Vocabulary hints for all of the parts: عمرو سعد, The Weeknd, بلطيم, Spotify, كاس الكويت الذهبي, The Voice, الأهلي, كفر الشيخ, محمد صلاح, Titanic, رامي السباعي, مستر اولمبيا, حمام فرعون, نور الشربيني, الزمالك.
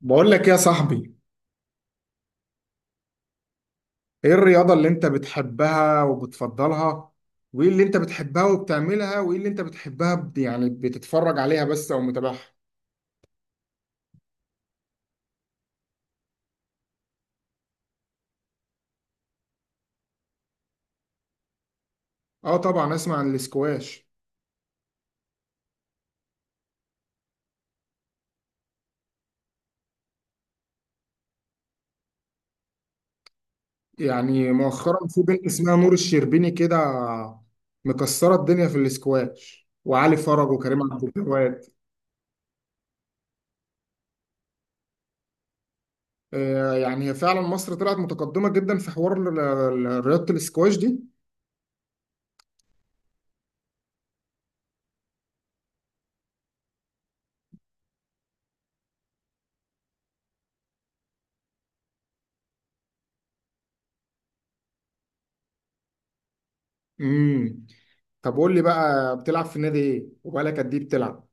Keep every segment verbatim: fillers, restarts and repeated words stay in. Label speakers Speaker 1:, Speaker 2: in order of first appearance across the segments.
Speaker 1: بقول لك يا صاحبي، ايه الرياضة اللي انت بتحبها وبتفضلها؟ وايه اللي انت بتحبها وبتعملها وايه اللي انت بتحبها ب- يعني بتتفرج عليها بس او متابعها. اه طبعا اسمع عن الاسكواش. يعني مؤخرا في بنت اسمها نور الشربيني كده مكسرة الدنيا في الاسكواش، وعلي فرج وكريم عبد الجواد. آه يعني هي فعلا مصر طلعت متقدمة جدا في حوار ال- ال- رياضة الاسكواش دي. امم طب قول لي بقى، بتلعب في نادي ايه وبقالك قد ايه بتلعب؟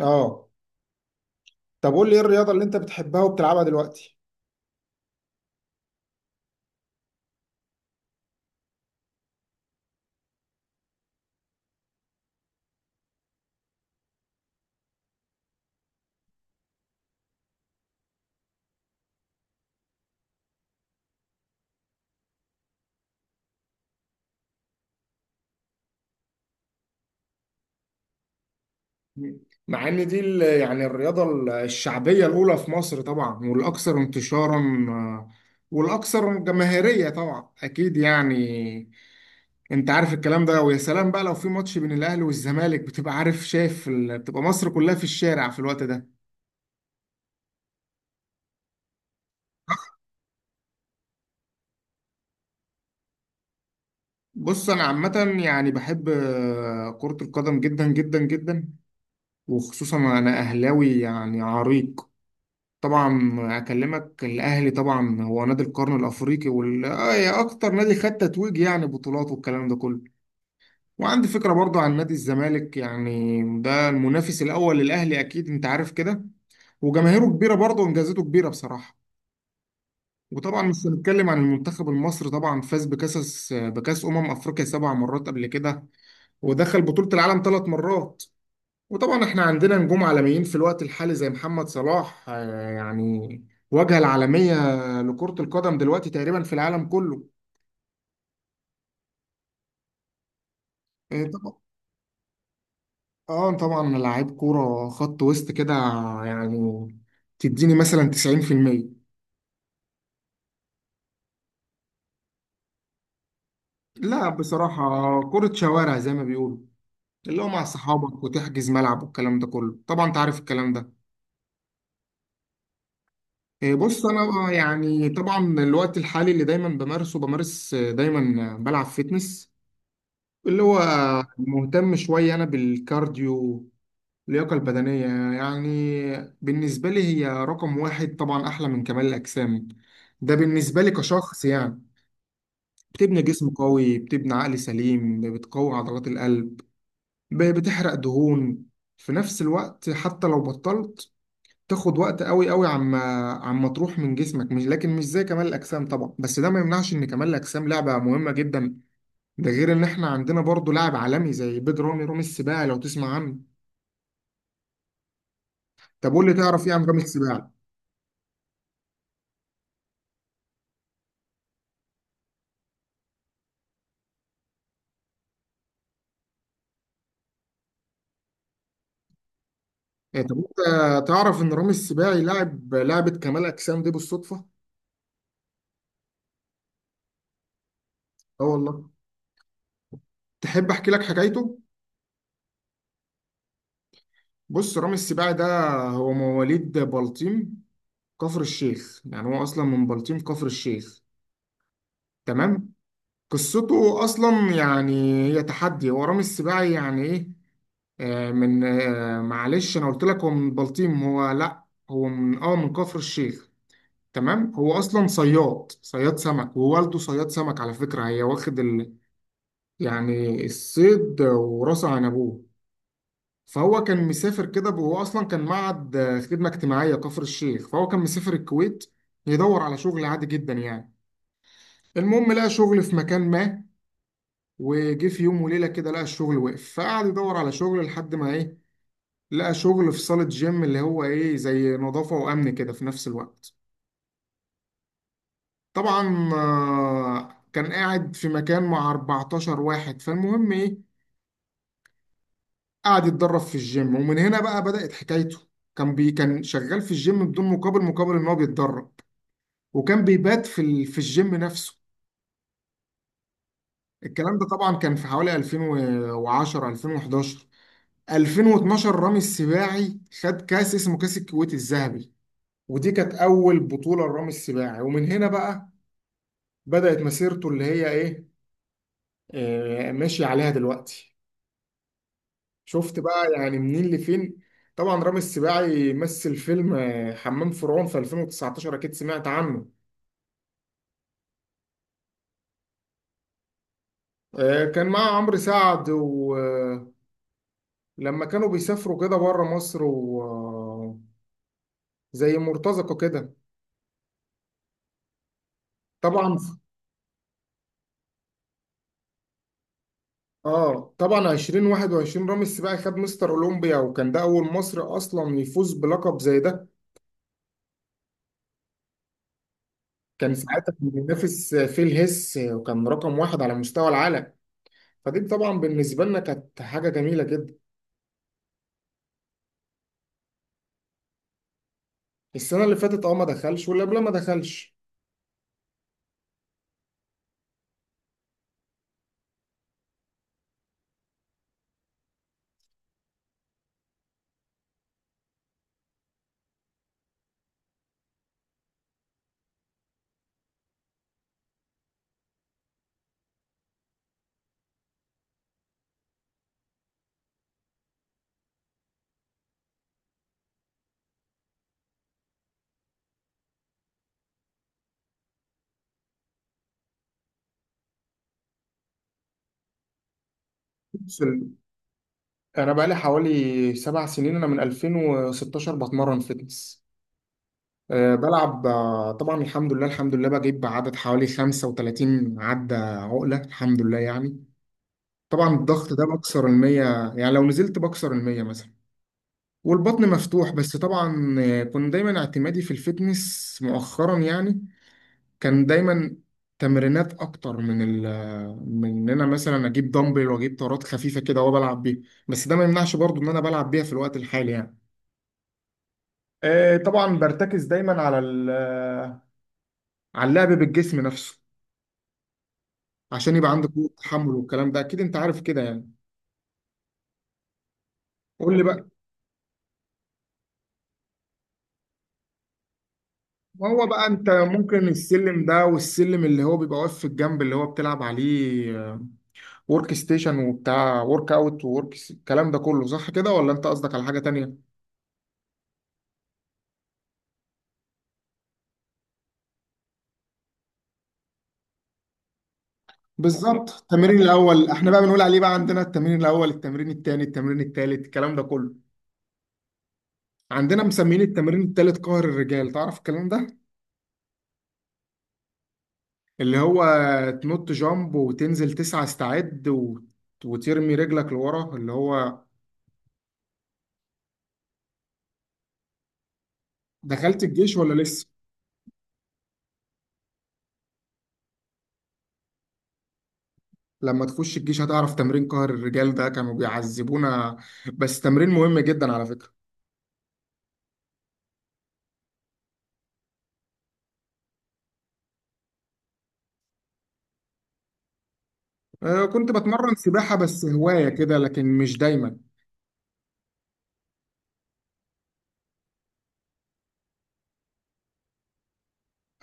Speaker 1: اه. طب قول لي ايه الرياضة اللي انت بتحبها وبتلعبها دلوقتي؟ مع ان دي ال- يعني الرياضة ال- الشعبية الأولى في مصر طبعا، والأكثر انتشارا، آه، والأكثر جماهيرية طبعا أكيد يعني. أنت عارف الكلام ده، ويا سلام بقى لو في ماتش بين الأهلي والزمالك، بتبقى عارف شايف ال... بتبقى مصر كلها في الشارع في الوقت ده. بص، أنا عامة يعني بحب آه، كرة القدم جدا جدا جدا، وخصوصا أنا أهلاوي يعني عريق. طبعا اكلمك الاهلي، طبعا هو نادي القرن الافريقي، وال آه، يا اكتر نادي خد تتويج يعني بطولات، والكلام ده كله. وعندي فكره برضو عن نادي الزمالك، يعني ده المنافس الاول للاهلي، اكيد انت عارف كده، وجماهيره كبيره برضو وانجازاته كبيره بصراحه. وطبعا مش هنتكلم عن المنتخب المصري، طبعا فاز بكاس بكاس امم افريقيا سبع مرات قبل كده، ودخل بطوله العالم ثلاث مرات. وطبعا احنا عندنا نجوم عالميين في الوقت الحالي زي محمد صلاح، آه، يعني واجهة العالمية لكرة القدم دلوقتي تقريبا في العالم كله. آه، طبعا. اه طبعا لعيب كورة خط وسط كده يعني، تديني مثلا تسعين في المية. لا بصراحة كرة شوارع زي ما بيقولوا، اللي هو مع صحابك وتحجز ملعب، والكلام ده كله طبعا انت عارف الكلام ده. آه، بص انا بقى يعني، طبعا الوقت الحالي اللي دايما بمارسه، بمارس آه، دايما آه، بلعب فيتنس، اللي هو مهتم شوية أنا بالكارديو، اللياقة البدنية يعني. بالنسبة لي هي رقم واحد، طبعا أحلى من كمال الأجسام ده بالنسبة لي كشخص يعني. بتبني جسم قوي، بتبني عقل سليم، بتقوي عضلات القلب، ب- بتحرق دهون في نفس الوقت، حتى لو بطلت تاخد وقت قوي قوي عما عما تروح من جسمك، مش لكن مش زي كمال الأجسام طبعا، بس ده ما يمنعش إن كمال الأجسام لعبة مهمة جدا. ده غير إن إحنا عندنا برضو لاعب عالمي زي بيج رامي رامي السباعي، لو تسمع عنه. طب قول لي، تعرف ايه عن رامي السباعي؟ إيه طب انت تعرف ان رامي السباعي لاعب لعبة كمال اجسام دي بالصدفة؟ اه والله. تحب احكي لك حكايته؟ بص رامي السباعي ده هو مواليد بلطيم كفر الشيخ، يعني هو اصلا من بلطيم كفر الشيخ. تمام؟ قصته اصلا يعني هي تحدي. هو رامي السباعي يعني ايه؟ آه من آه معلش انا قلت لك هو من بلطيم، هو لا، هو من اه من كفر الشيخ. تمام. هو اصلا صياد، صياد سمك، ووالده صياد سمك على فكره، هي واخد ال... يعني الصيد وراسه عن ابوه. فهو كان مسافر كده، ب- هو اصلا كان معهد خدمه اجتماعيه كفر الشيخ، فهو كان مسافر الكويت يدور على شغل عادي جدا يعني. المهم لقى شغل في مكان ما، وجه في يوم وليله كده لقى الشغل وقف، فقعد يدور على شغل لحد ما ايه، لقى شغل في صاله جيم اللي هو ايه زي نظافه وامن كده في نفس الوقت. طبعا آه، كان قاعد في مكان مع اربعتاشر واحد. فالمهم ايه، قعد يتدرب في الجيم، ومن هنا بقى بدأت حكايته. كان بي كان شغال في الجيم بدون مقابل، مقابل ان هو بيتدرب، وكان بيبات في ال... في الجيم نفسه. الكلام ده طبعا كان في حوالي الفين وعشرة، الفين وحداشر، الفين واتناشر رامي السباعي خد كاس اسمه كاس الكويت الذهبي، ودي كانت اول بطولة لرامي السباعي، ومن هنا بقى بدأت مسيرته اللي هي ايه، آه، ماشي عليها دلوقتي. شفت بقى يعني منين لفين. طبعا رامي السباعي مثل فيلم آه، حمام فرعون في الفين وتسعتاشر، اكيد سمعت عنه. آه، كان مع عمرو سعد، ولما كانوا بيسافروا كده بره مصر وزي مرتزقة كده. طبعا اه طبعا الفين وواحد وعشرين رامي السباعي خد مستر اولمبيا، وكان ده اول مصري اصلا يفوز بلقب زي ده. كان ساعتها كان بينافس فيه الهس، وكان رقم واحد على مستوى العالم. فدي طبعا بالنسبة لنا كانت حاجة جميلة جدا. السنة اللي فاتت اه ما دخلش، واللي قبلها ما دخلش. بص، ال- انا بقالي حوالي سبع سنين، انا من الفين وستاشر بتمرن فتنس. أه بلعب آه، طبعا الحمد لله، الحمد لله بجيب عدد حوالي خمسة وثلاثين عدة عقلة الحمد لله يعني. طبعا الضغط ده بكسر المية، يعني لو نزلت بكسر المية مثلا، والبطن مفتوح. بس طبعا آه، كنت دايما اعتمادي في الفتنس مؤخرا يعني، كان دايما تمرينات اكتر من ال من ان انا مثلا اجيب دمبل واجيب طارات خفيفه كده وبلعب بيها، بس ده ما يمنعش برضو ان انا بلعب بيها في الوقت الحالي يعني. آه، طبعا برتكز دايما على ال- آه، على اللعب بالجسم نفسه، عشان يبقى عندك قوة تحمل، والكلام ده اكيد انت عارف كده يعني. قول لي بقى. ما هو بقى انت ممكن السلم ده، والسلم اللي هو بيبقى واقف في الجنب اللي هو بتلعب عليه ورك ستيشن، وبتاع ورك اوت وورك الكلام ده كله، صح كده ولا انت قصدك على حاجة تانية؟ بالظبط. التمرين الاول احنا بقى بنقول عليه، بقى عندنا التمرين الاول، التمرين الثاني، التمرين الثالث، الكلام ده كله. عندنا مسميين التمرين الثالث قهر الرجال، تعرف الكلام ده؟ اللي هو تنط جامب وتنزل تسعة استعد و... وترمي رجلك لورا اللي هو. دخلت الجيش ولا لسه؟ لما تخش الجيش هتعرف تمرين قهر الرجال ده، كانوا بيعذبونا، بس تمرين مهم جدا على فكرة. آه، كنت بتمرن سباحة بس هواية كده لكن مش دايما.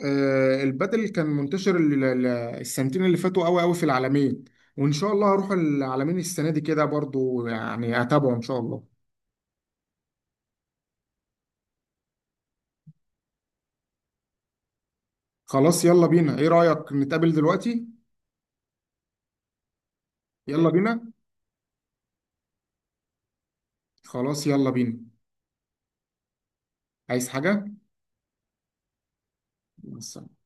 Speaker 1: آه، البادل كان منتشر ال- ال- السنتين اللي فاتوا قوي قوي في العالمين، وان شاء الله هروح العالمين السنه دي كده برضو، يعني اتابعه ان شاء الله. خلاص يلا بينا، ايه رايك نتقابل دلوقتي؟ يلا بينا. خلاص يلا بينا. عايز حاجه بس.